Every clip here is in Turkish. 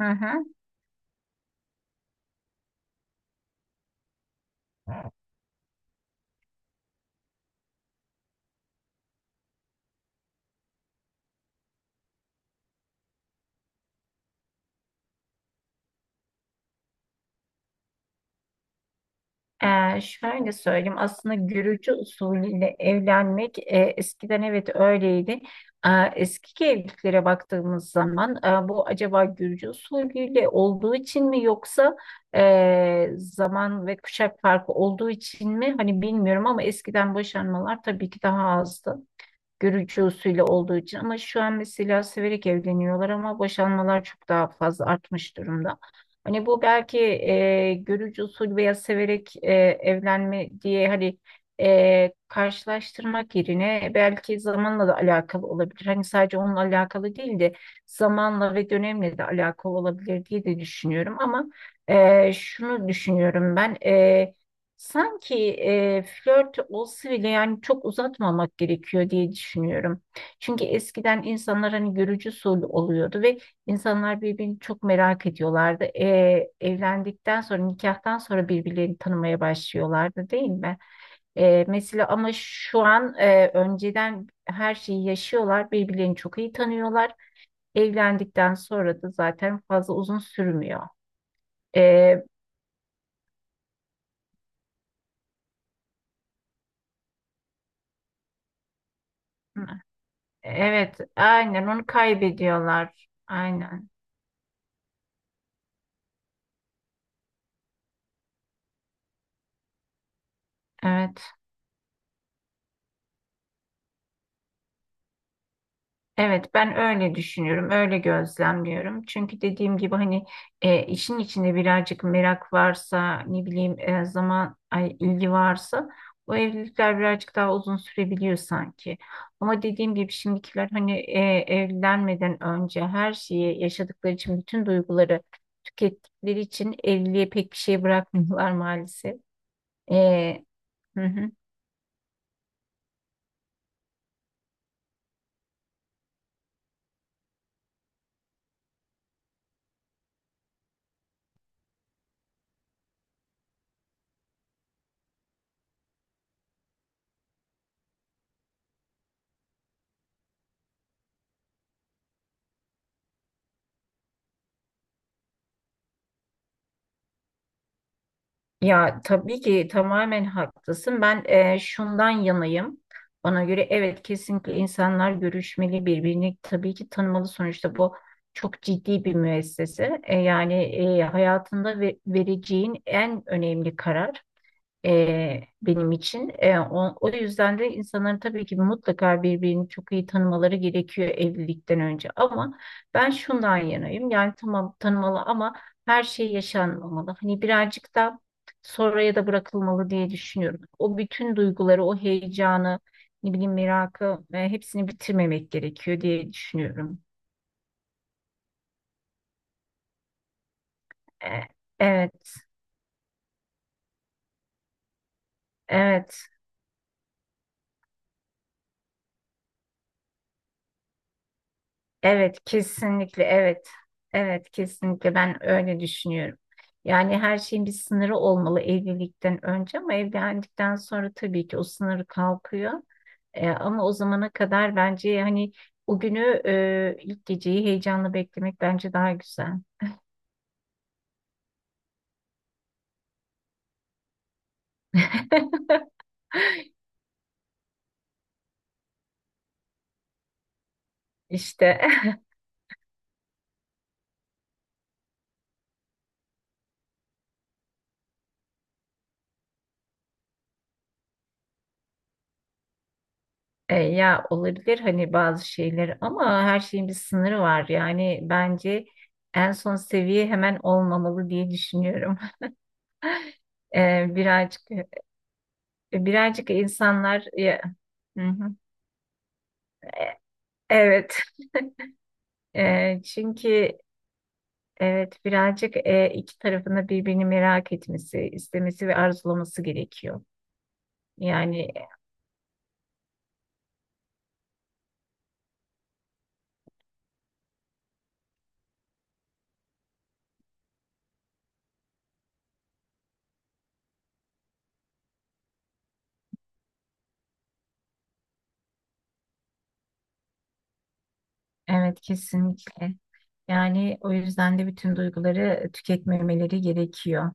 Hı hı. Şöyle söyleyeyim aslında görücü usulüyle evlenmek eskiden evet öyleydi. Ee, Eski evliliklere baktığımız zaman bu acaba görücü usulüyle olduğu için mi yoksa zaman ve kuşak farkı olduğu için mi hani bilmiyorum ama eskiden boşanmalar tabii ki daha azdı. Görücü usulü olduğu için ama şu an mesela severek evleniyorlar ama boşanmalar çok daha fazla artmış durumda. Hani bu belki görücü usulü veya severek evlenme diye hani karşılaştırmak yerine belki zamanla da alakalı olabilir. Hani sadece onunla alakalı değil de zamanla ve dönemle de alakalı olabilir diye de düşünüyorum ama şunu düşünüyorum ben. Sanki flört olsa bile yani çok uzatmamak gerekiyor diye düşünüyorum. Çünkü eskiden insanlar hani görücü usulü oluyordu ve insanlar birbirini çok merak ediyorlardı. Evlendikten sonra nikahtan sonra birbirlerini tanımaya başlıyorlardı, değil mi? Mesela ama şu an önceden her şeyi yaşıyorlar, birbirlerini çok iyi tanıyorlar. Evlendikten sonra da zaten fazla uzun sürmüyor. E, Evet, aynen onu kaybediyorlar. Aynen. Evet. Evet, ben öyle düşünüyorum, öyle gözlemliyorum. Çünkü dediğim gibi hani işin içinde birazcık merak varsa, ne bileyim zaman ay, ilgi varsa o evlilikler birazcık daha uzun sürebiliyor sanki. Ama dediğim gibi şimdikiler hani evlenmeden önce her şeyi yaşadıkları için bütün duyguları tükettikleri için evliliğe pek bir şey bırakmıyorlar maalesef. E, hı hı. Ya tabii ki tamamen haklısın. Ben şundan yanayım. Bana göre evet kesinlikle insanlar görüşmeli birbirini tabii ki tanımalı. Sonuçta bu çok ciddi bir müessese. Yani hayatında vereceğin en önemli karar benim için. O yüzden de insanların tabii ki mutlaka birbirini çok iyi tanımaları gerekiyor evlilikten önce. Ama ben şundan yanayım. Yani tamam tanımalı ama her şey yaşanmamalı. Hani birazcık da sonraya da bırakılmalı diye düşünüyorum. O bütün duyguları, o heyecanı, ne bileyim merakı hepsini bitirmemek gerekiyor diye düşünüyorum. E, evet, evet. Evet, kesinlikle evet. Evet, kesinlikle ben öyle düşünüyorum. Yani her şeyin bir sınırı olmalı evlilikten önce ama evlendikten sonra tabii ki o sınır kalkıyor. Ama o zamana kadar bence hani o günü ilk geceyi heyecanla beklemek bence daha güzel. İşte ya olabilir hani bazı şeyler ama her şeyin bir sınırı var. Yani bence en son seviye hemen olmamalı diye düşünüyorum. Ee, birazcık e, birazcık insanlar ya, hı hı. E- Evet. Çünkü evet birazcık iki tarafında birbirini merak etmesi, istemesi ve arzulaması gerekiyor. Yani evet kesinlikle. Yani o yüzden de bütün duyguları tüketmemeleri gerekiyor.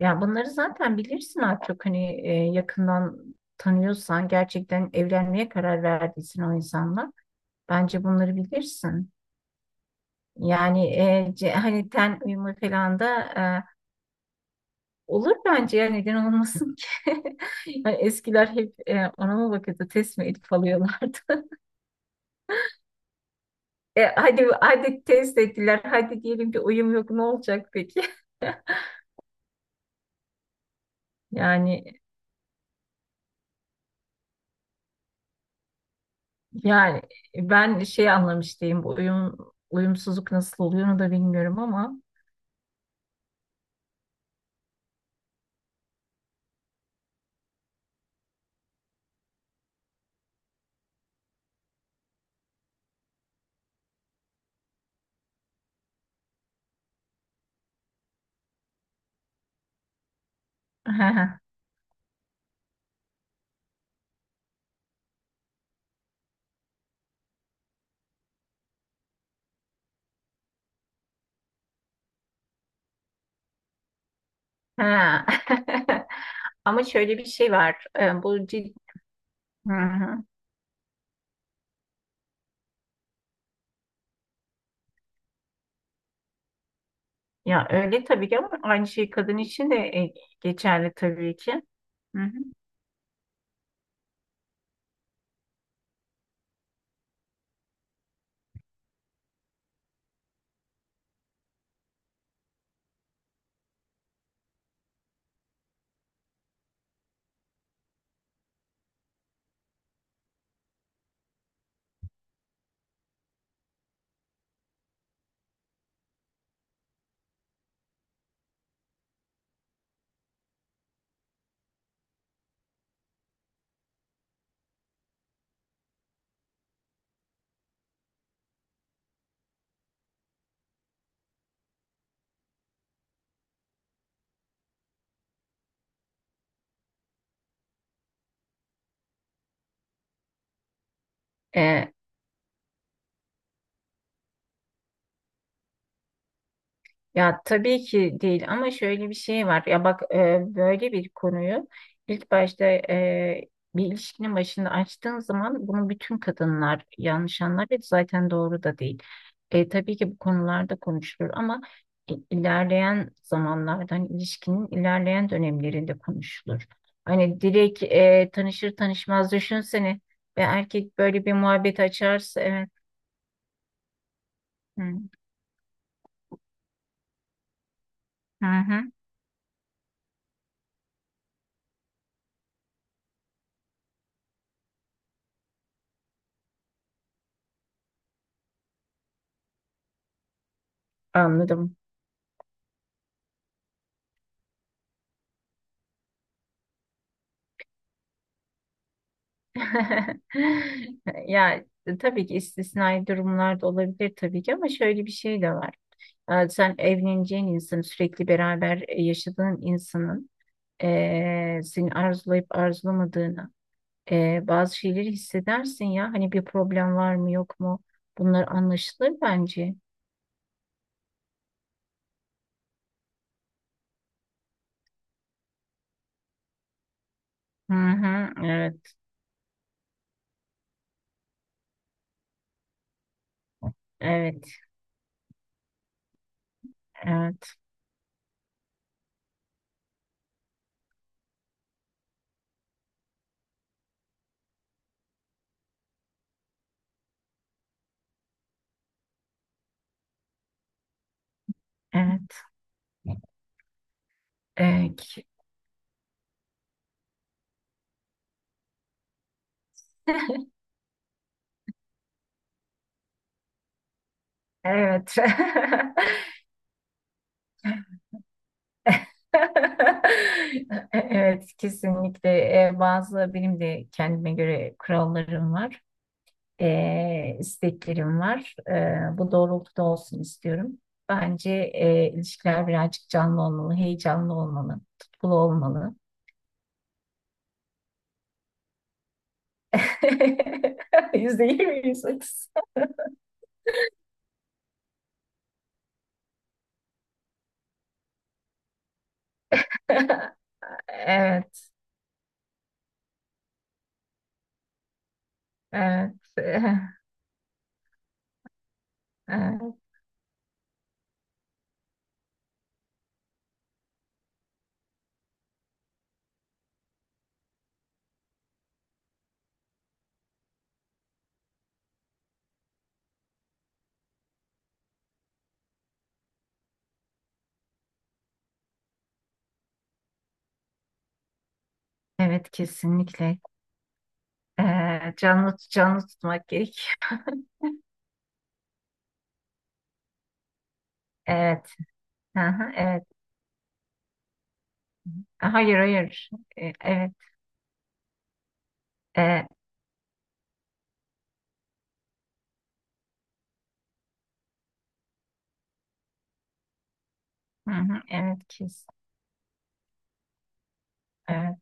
Yani bunları zaten bilirsin artık hani yakından tanıyorsan gerçekten evlenmeye karar verdiysen o insanla bence bunları bilirsin. Yani hani ten uyumu falan da e, olur bence ya, neden olmasın ki? Yani eskiler hep ona mı bakıyordu, test mi edip alıyorlardı? Hadi hadi test ettiler, hadi diyelim ki uyum yok, ne olacak peki? Yani yani ben şey anlamış değilim, bu uyum uyumsuzluk nasıl oluyor onu da bilmiyorum ama ha. Ama şöyle bir şey var. Hı hı. Ya öyle tabii ki ama aynı şey kadın için de geçerli tabii ki. Hı hı. E, Ya tabii ki değil ama şöyle bir şey var. Ya bak böyle bir konuyu ilk başta bir ilişkinin başında açtığın zaman bunu bütün kadınlar yanlış anlar ve zaten doğru da değil. Tabii ki bu konularda konuşulur ama ilerleyen zamanlarda hani ilişkinin ilerleyen dönemlerinde konuşulur. Hani direkt tanışır tanışmaz düşünsene ve erkek böyle bir muhabbet açarsa, evet. Hı hı. Hı. Anladım. Ya tabii ki istisnai durumlar da olabilir tabii ki ama şöyle bir şey de var. Sen evleneceğin insanın, sürekli beraber yaşadığın insanın seni arzulayıp arzulamadığını, bazı şeyleri hissedersin ya. Hani bir problem var mı yok mu? Bunlar anlaşılır bence. Hı hı, evet, evet, evet, evet, evet. Evet. Evet, kesinlikle. Bazı benim de kendime göre kurallarım var, isteklerim var. Bu doğrultuda olsun istiyorum. Bence ilişkiler birazcık canlı olmalı, heyecanlı olmalı, tutkulu olmalı. %20, %30. Evet, evet, evet, evet, kesinlikle. Canlı canlı tutmak gerek. Evet, aha, evet. Hayır, hayır. Evet. E, hı hı, evet. Evet.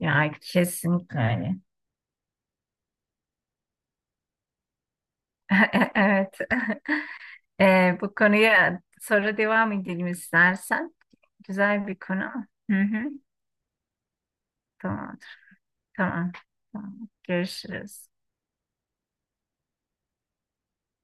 Ya kesinlikle öyle. Evet. Bu konuya sonra devam edelim istersen. Güzel bir konu. Hı hı, tamamdır. Tamam. Tamam. Görüşürüz.